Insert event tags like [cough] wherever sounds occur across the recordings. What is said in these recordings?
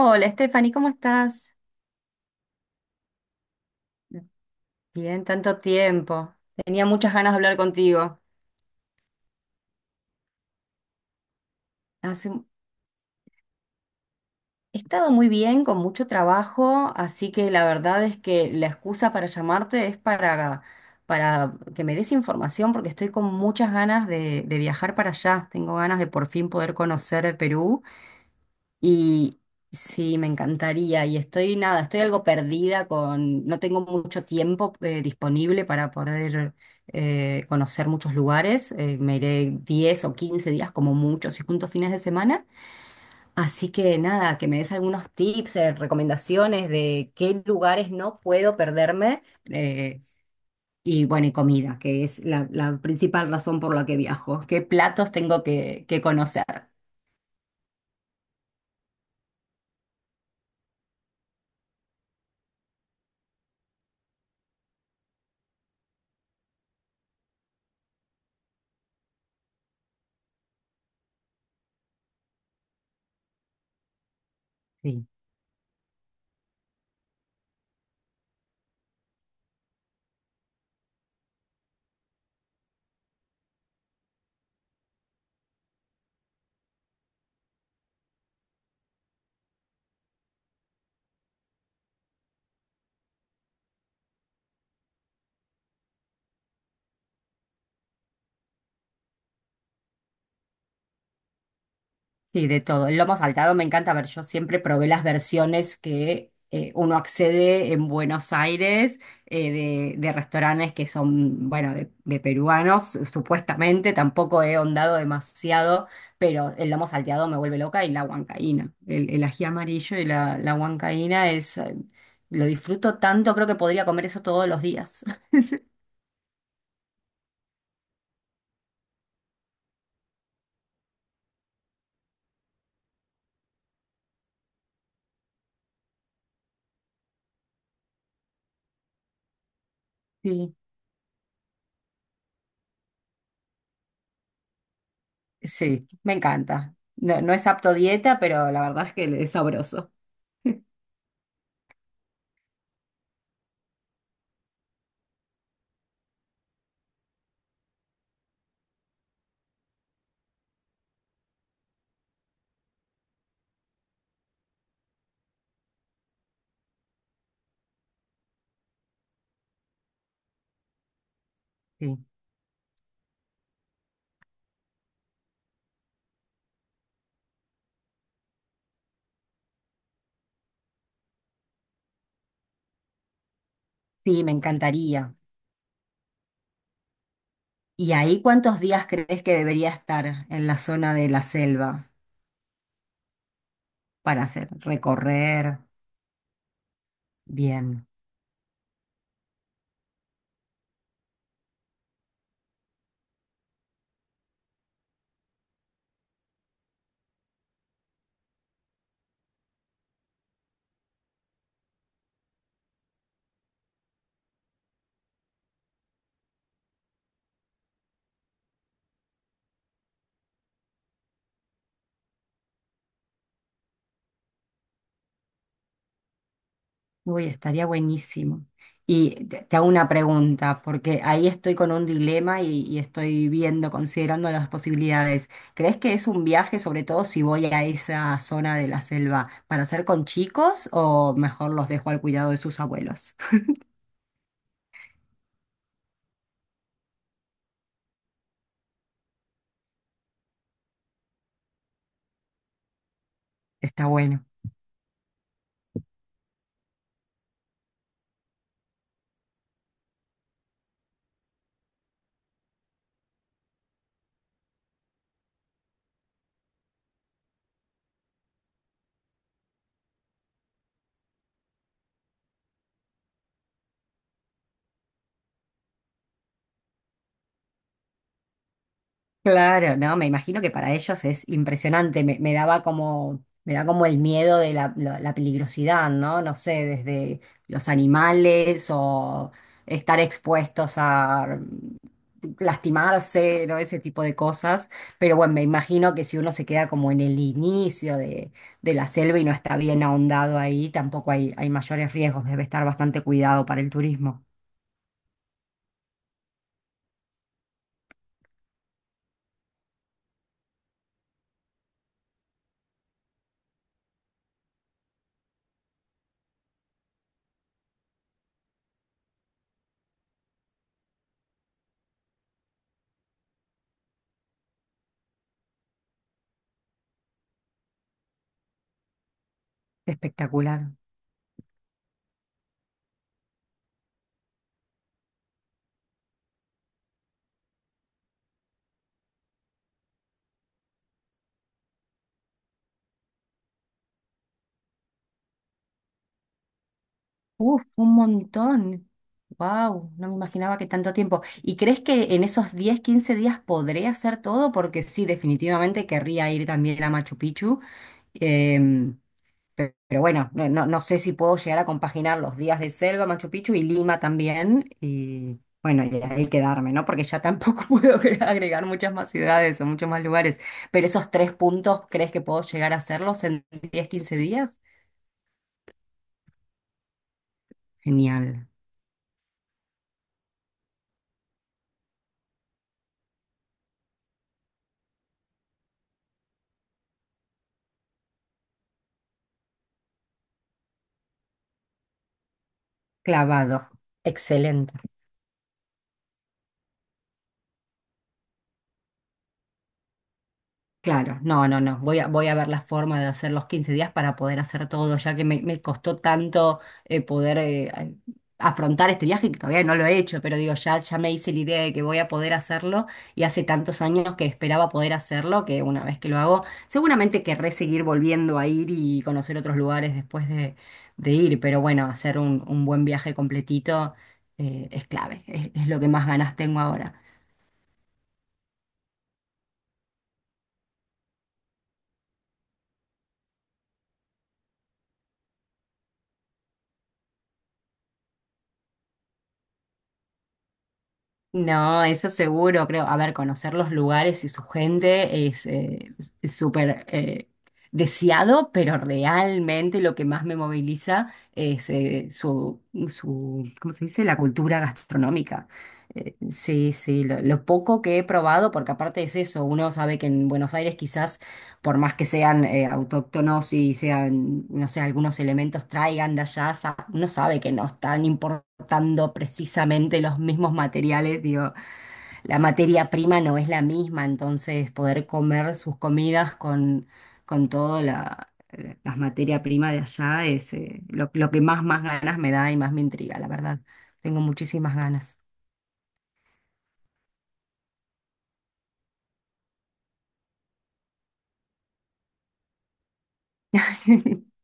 Hola, Stephanie, ¿cómo estás? Bien, tanto tiempo. Tenía muchas ganas de hablar contigo. Hace- He estado muy bien, con mucho trabajo, así que la verdad es que la excusa para llamarte es para que me des información, porque estoy con muchas ganas de viajar para allá. Tengo ganas de por fin poder conocer el Perú. Y sí, me encantaría. Y estoy, nada, estoy algo perdida con, no tengo mucho tiempo disponible para poder conocer muchos lugares. Me iré 10 o 15 días como mucho, si junto fines de semana. Así que nada, que me des algunos tips, recomendaciones de qué lugares no puedo perderme. Y bueno, y comida, que es la principal razón por la que viajo. ¿Qué platos tengo que conocer? Sí, de todo. El lomo saltado me encanta. A ver, yo siempre probé las versiones que uno accede en Buenos Aires de restaurantes que son, bueno, de peruanos, supuestamente. Tampoco he ahondado demasiado, pero el lomo salteado me vuelve loca y la huancaína. El ají amarillo y la huancaína es, lo disfruto tanto, creo que podría comer eso todos los días. [laughs] Sí, sí, me encanta. No, no es apto dieta, pero la verdad es que es sabroso. Sí, sí, me encantaría. ¿Y ahí cuántos días crees que debería estar en la zona de la selva para hacer recorrer? Bien. Uy, estaría buenísimo. Y te hago una pregunta, porque ahí estoy con un dilema y estoy viendo, considerando las posibilidades. ¿Crees que es un viaje, sobre todo si voy a esa zona de la selva, para hacer con chicos o mejor los dejo al cuidado de sus abuelos? [laughs] Está bueno. Claro, no, me imagino que para ellos es impresionante, me daba como, me da como el miedo de la peligrosidad, ¿no? No sé, desde los animales o estar expuestos a lastimarse, ¿no? Ese tipo de cosas. Pero bueno, me imagino que si uno se queda como en el inicio de la selva y no está bien ahondado ahí, tampoco hay mayores riesgos, debe estar bastante cuidado para el turismo. Espectacular. Uf, un montón. Wow, no me imaginaba que tanto tiempo. ¿Y crees que en esos 10-15 días podré hacer todo? Porque sí, definitivamente querría ir también a Machu Picchu. Em, Pero bueno, no, no sé si puedo llegar a compaginar los días de Selva, Machu Picchu y Lima también. Y bueno, y ahí quedarme, ¿no? Porque ya tampoco [laughs] puedo agregar muchas más ciudades o muchos más lugares. Pero esos tres puntos, ¿crees que puedo llegar a hacerlos en 10-15 días? Genial. Clavado. Excelente. Claro, no, no, no. Voy a, voy a ver la forma de hacer los 15 días para poder hacer todo, ya que me costó tanto poder afrontar este viaje, que todavía no lo he hecho, pero digo, ya me hice la idea de que voy a poder hacerlo y hace tantos años que esperaba poder hacerlo, que una vez que lo hago, seguramente querré seguir volviendo a ir y conocer otros lugares después de ir, pero bueno, hacer un buen viaje completito, es clave, es lo que más ganas tengo ahora. No, eso seguro, creo. A ver, conocer los lugares y su gente es súper deseado, pero realmente lo que más me moviliza es su, su, ¿cómo se dice? La cultura gastronómica. Sí, sí, lo poco que he probado, porque aparte es eso, uno sabe que en Buenos Aires quizás, por más que sean autóctonos y sean, no sé, algunos elementos traigan de allá, uno sabe que no es tan importante adaptando precisamente los mismos materiales, digo, la materia prima no es la misma, entonces poder comer sus comidas con toda las materia prima de allá es lo que más ganas me da y más me intriga, la verdad. Tengo muchísimas ganas. [laughs]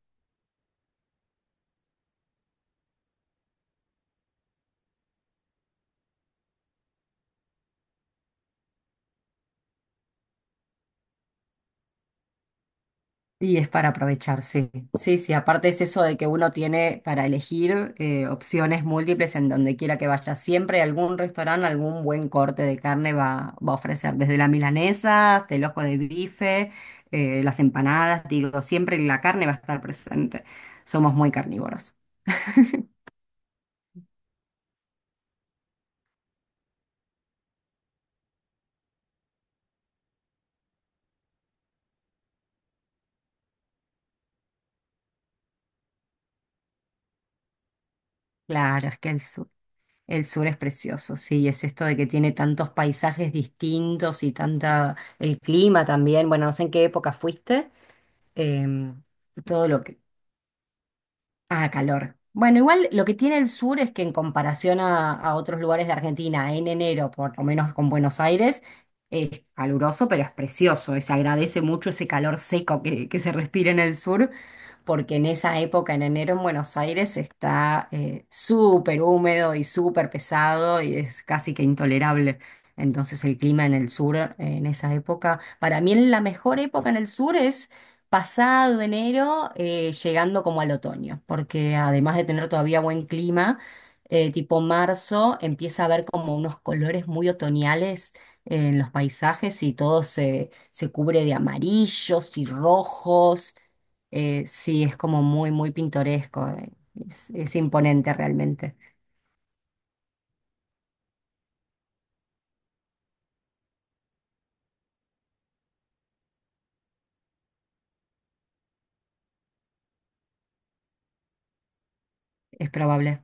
Y es para aprovechar, sí. Sí, sí, aparte es eso de que uno tiene para elegir opciones múltiples en donde quiera que vaya. Siempre algún restaurante, algún buen corte de carne va a ofrecer, desde la milanesa hasta el ojo de bife, las empanadas, digo, siempre la carne va a estar presente. Somos muy carnívoros. Claro, es que el sur es precioso, sí, es esto de que tiene tantos paisajes distintos y tanta, el clima también, bueno, no sé en qué época fuiste. em, Todo lo que, ah, calor. Bueno, igual lo que tiene el sur es que en comparación a otros lugares de Argentina, en enero, por lo menos con Buenos Aires, es caluroso, pero es precioso. Se agradece mucho ese calor seco que se respira en el sur, porque en esa época, en enero, en Buenos Aires está súper húmedo y súper pesado y es casi que intolerable. Entonces el clima en el sur, en esa época, para mí la mejor época en el sur pasado enero, llegando como al otoño, porque además de tener todavía buen clima, tipo marzo, empieza a haber como unos colores muy otoñales en los paisajes y todo se cubre de amarillos y rojos. Sí, es como muy, muy pintoresco. Es imponente realmente, es probable.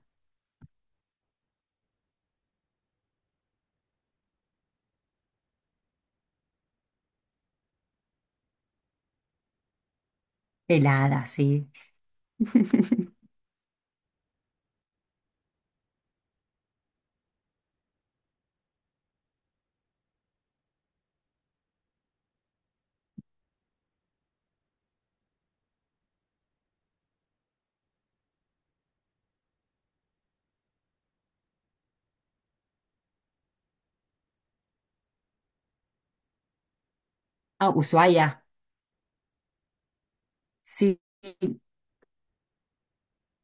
Helada, sí. [laughs] Ah, Ushuaia, sí.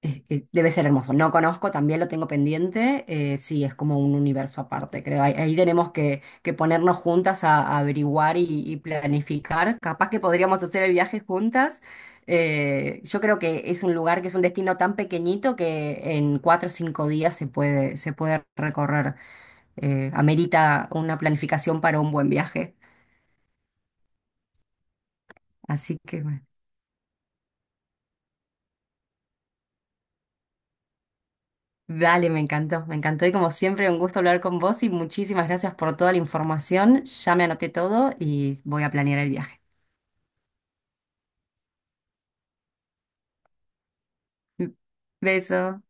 Es que debe ser hermoso. No conozco, también lo tengo pendiente. Sí, es como un universo aparte, creo. Ahí tenemos que ponernos juntas a averiguar y planificar. Capaz que podríamos hacer el viaje juntas. Yo creo que es un lugar que es un destino tan pequeñito que en 4 o 5 días se puede recorrer. Amerita una planificación para un buen viaje. Así que, bueno. Dale, me encantó y como siempre un gusto hablar con vos y muchísimas gracias por toda la información. Ya me anoté todo y voy a planear el viaje. [laughs] Beso.